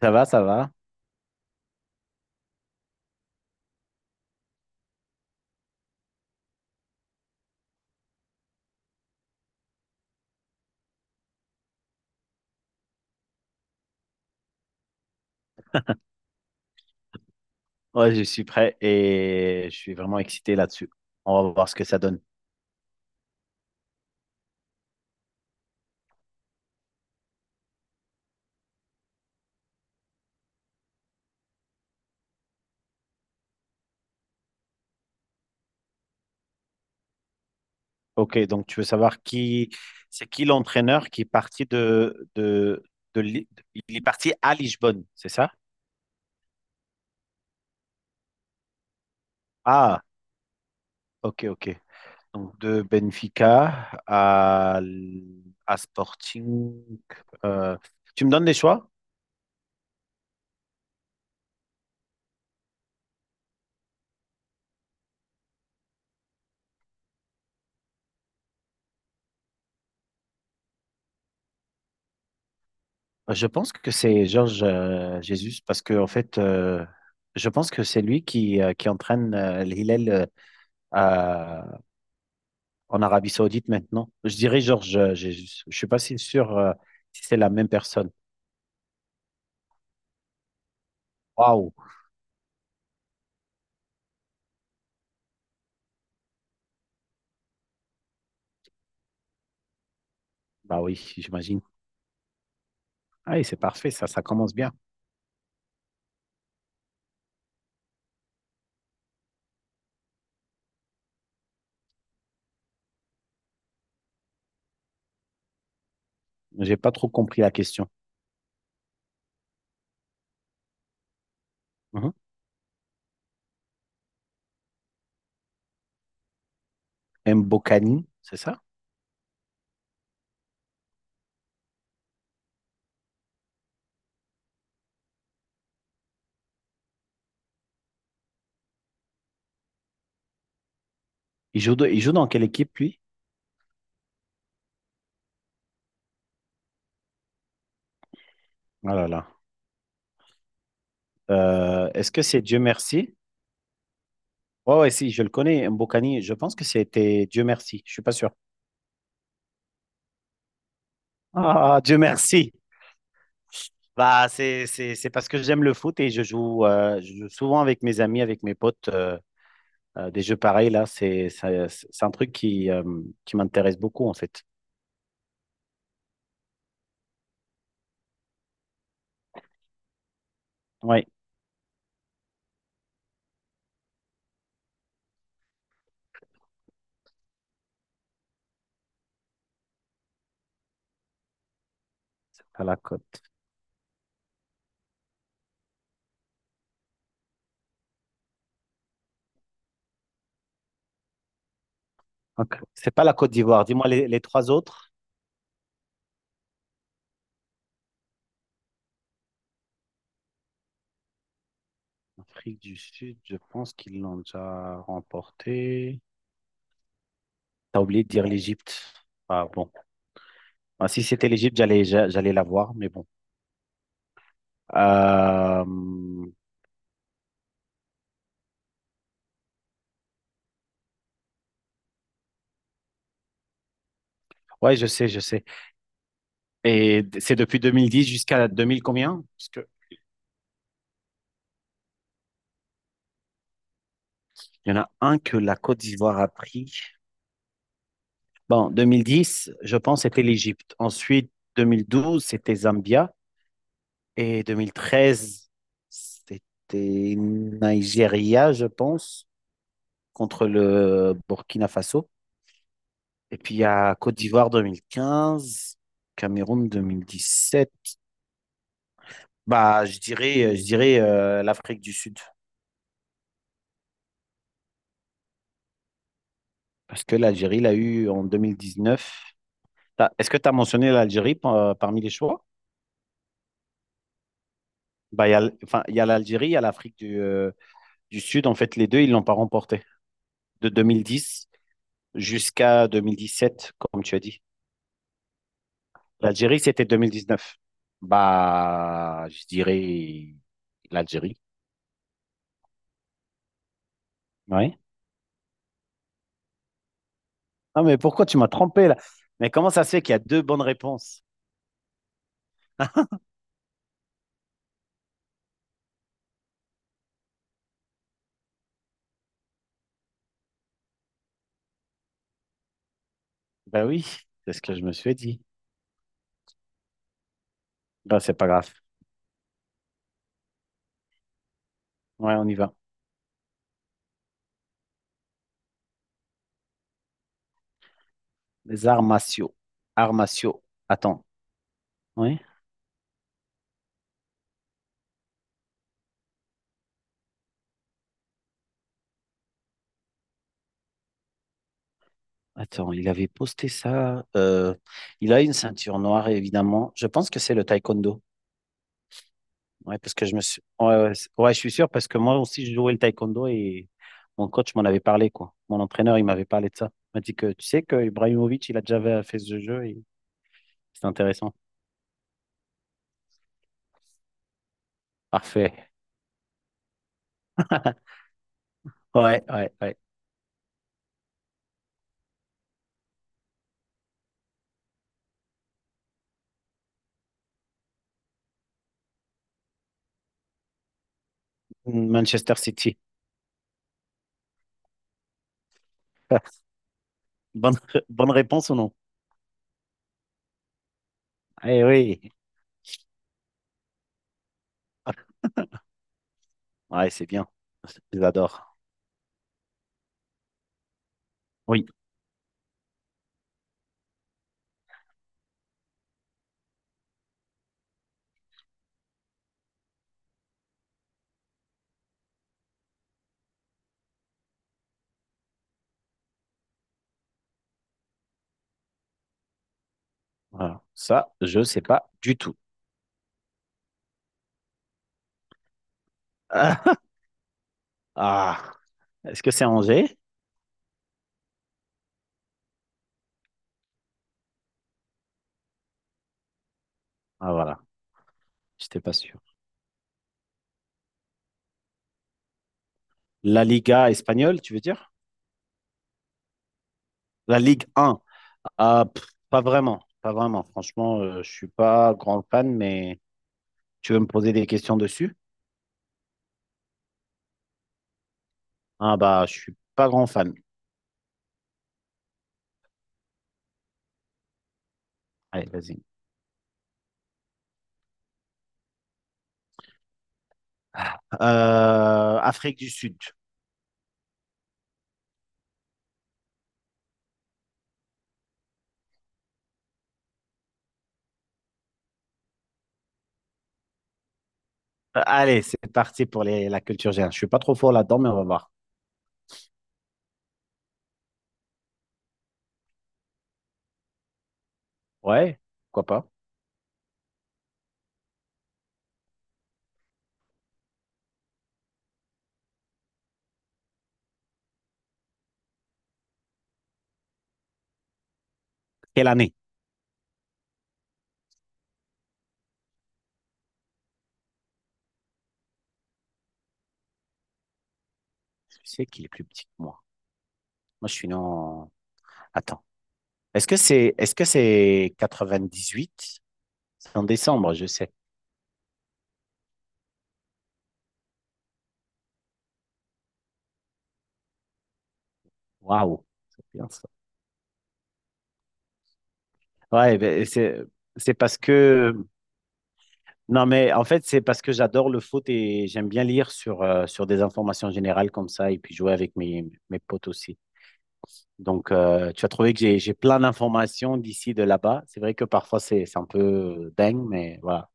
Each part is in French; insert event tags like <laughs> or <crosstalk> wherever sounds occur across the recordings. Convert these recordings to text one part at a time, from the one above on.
Ça va, ça va. Ouais, je suis prêt et je suis vraiment excité là-dessus. On va voir ce que ça donne. Ok, donc tu veux savoir qui c'est qui l'entraîneur qui est parti de il est parti à Lisbonne, c'est ça? Ah, ok, ok. Donc de Benfica à, à Sporting. euh, Tu me donnes des choix? Je pense que c'est Georges Jesus, parce que en fait, je pense que c'est lui qui entraîne l'Hilal en Arabie Saoudite maintenant. Je dirais, genre, je ne suis pas si sûr si c'est la même personne. Waouh, bah oui, j'imagine. Ah, et c'est parfait, ça commence bien. J'ai pas trop compris la question. Mhm. Mbokani, c'est ça? Il joue, il joue dans quelle équipe, lui? Oh là là. Est-ce que c'est Dieu merci? Ouais, ouais, si, je le connais, Mbokani. Je pense que c'était Dieu merci. Je suis pas sûr. Ah, Dieu merci. Bah, c'est parce que j'aime le foot et je joue souvent avec mes amis, avec mes potes. Des jeux pareils, là, c'est un truc qui m'intéresse beaucoup, en fait. Oui, c'est pas la Côte. Ok, c'est pas la Côte d'Ivoire. Dis-moi les trois autres. Afrique du Sud, je pense qu'ils l'ont déjà remporté. T'as oublié de dire l'Égypte. Ah bon. Ah, si c'était l'Égypte, j'allais j'allais la voir, mais bon. Euh, Ouais, je sais, je sais. Et c'est depuis 2010 jusqu'à 2000 combien? Parce que il y en a un que la Côte d'Ivoire a pris. Bon, 2010, je pense, c'était l'Égypte. Ensuite, 2012, c'était Zambia. Et 2013, c'était Nigeria, je pense, contre le Burkina Faso. Et puis, il y a Côte d'Ivoire 2015, Cameroun 2017. Bah, je dirais l'Afrique du Sud, parce que l'Algérie l'a eu en 2019. Est-ce que tu as mentionné l'Algérie parmi les choix? Bah, il y a, enfin, il y a l'Algérie, il y a l'Afrique du Sud. En fait, les deux, ils l'ont pas remporté. De 2010 jusqu'à 2017 comme tu as dit. L'Algérie, c'était 2019. Bah, je dirais l'Algérie. Oui. Non, mais pourquoi tu m'as trompé là? Mais comment ça se fait qu'il y a deux bonnes réponses? Ben oui, c'est ce que je me suis dit. Ben, c'est pas grave. Ouais, on y va. Les arts martiaux. Arts martiaux. Attends. Oui. Attends, il avait posté ça. Il a une ceinture noire, évidemment. Je pense que c'est le taekwondo. Ouais, parce que je me suis. Ouais, ouais, ouais, je suis sûr, parce que moi aussi, je jouais le taekwondo et mon coach m'en avait parlé, quoi. Mon entraîneur, il m'avait parlé de ça. Il m'a dit que tu sais que Ibrahimovic, il a déjà fait ce jeu et c'est intéressant. Parfait. Ouais, ouais, ouais. Manchester City. <laughs> Bonne, bonne réponse ou non? Eh oui. Ouais, c'est bien. J'adore. Oui. Voilà. Ça, je sais pas du tout. <laughs> Ah, est-ce que c'est Angers? Ah, voilà. J'étais pas sûr. La Liga espagnole, tu veux dire? La Ligue 1. Ah, pff, pas vraiment, pas vraiment. Franchement, je suis pas grand fan, mais tu veux me poser des questions dessus? Ah bah, je suis pas grand fan. Allez, vas-y. Afrique du Sud. Allez, c'est parti pour la culture générale. Je suis pas trop fort là-dedans, mais on va voir. Ouais, pourquoi pas. Quelle année? Je sais qu'il est plus petit que moi. Moi, je suis né en... Attends. Est-ce que c'est 98? C'est en décembre, je sais. Waouh, c'est bien ça. Ouais, ben, c'est parce que... Non, mais en fait, c'est parce que j'adore le foot et j'aime bien lire sur, sur des informations générales comme ça et puis jouer avec mes, mes potes aussi. Donc, tu as trouvé que j'ai plein d'informations d'ici, de là-bas. C'est vrai que parfois, c'est un peu dingue, mais voilà.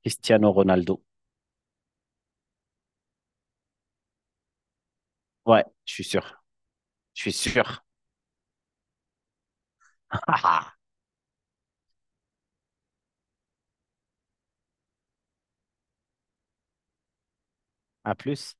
Cristiano Ronaldo. Ouais, je suis sûr. Je suis sûr. <laughs> À plus.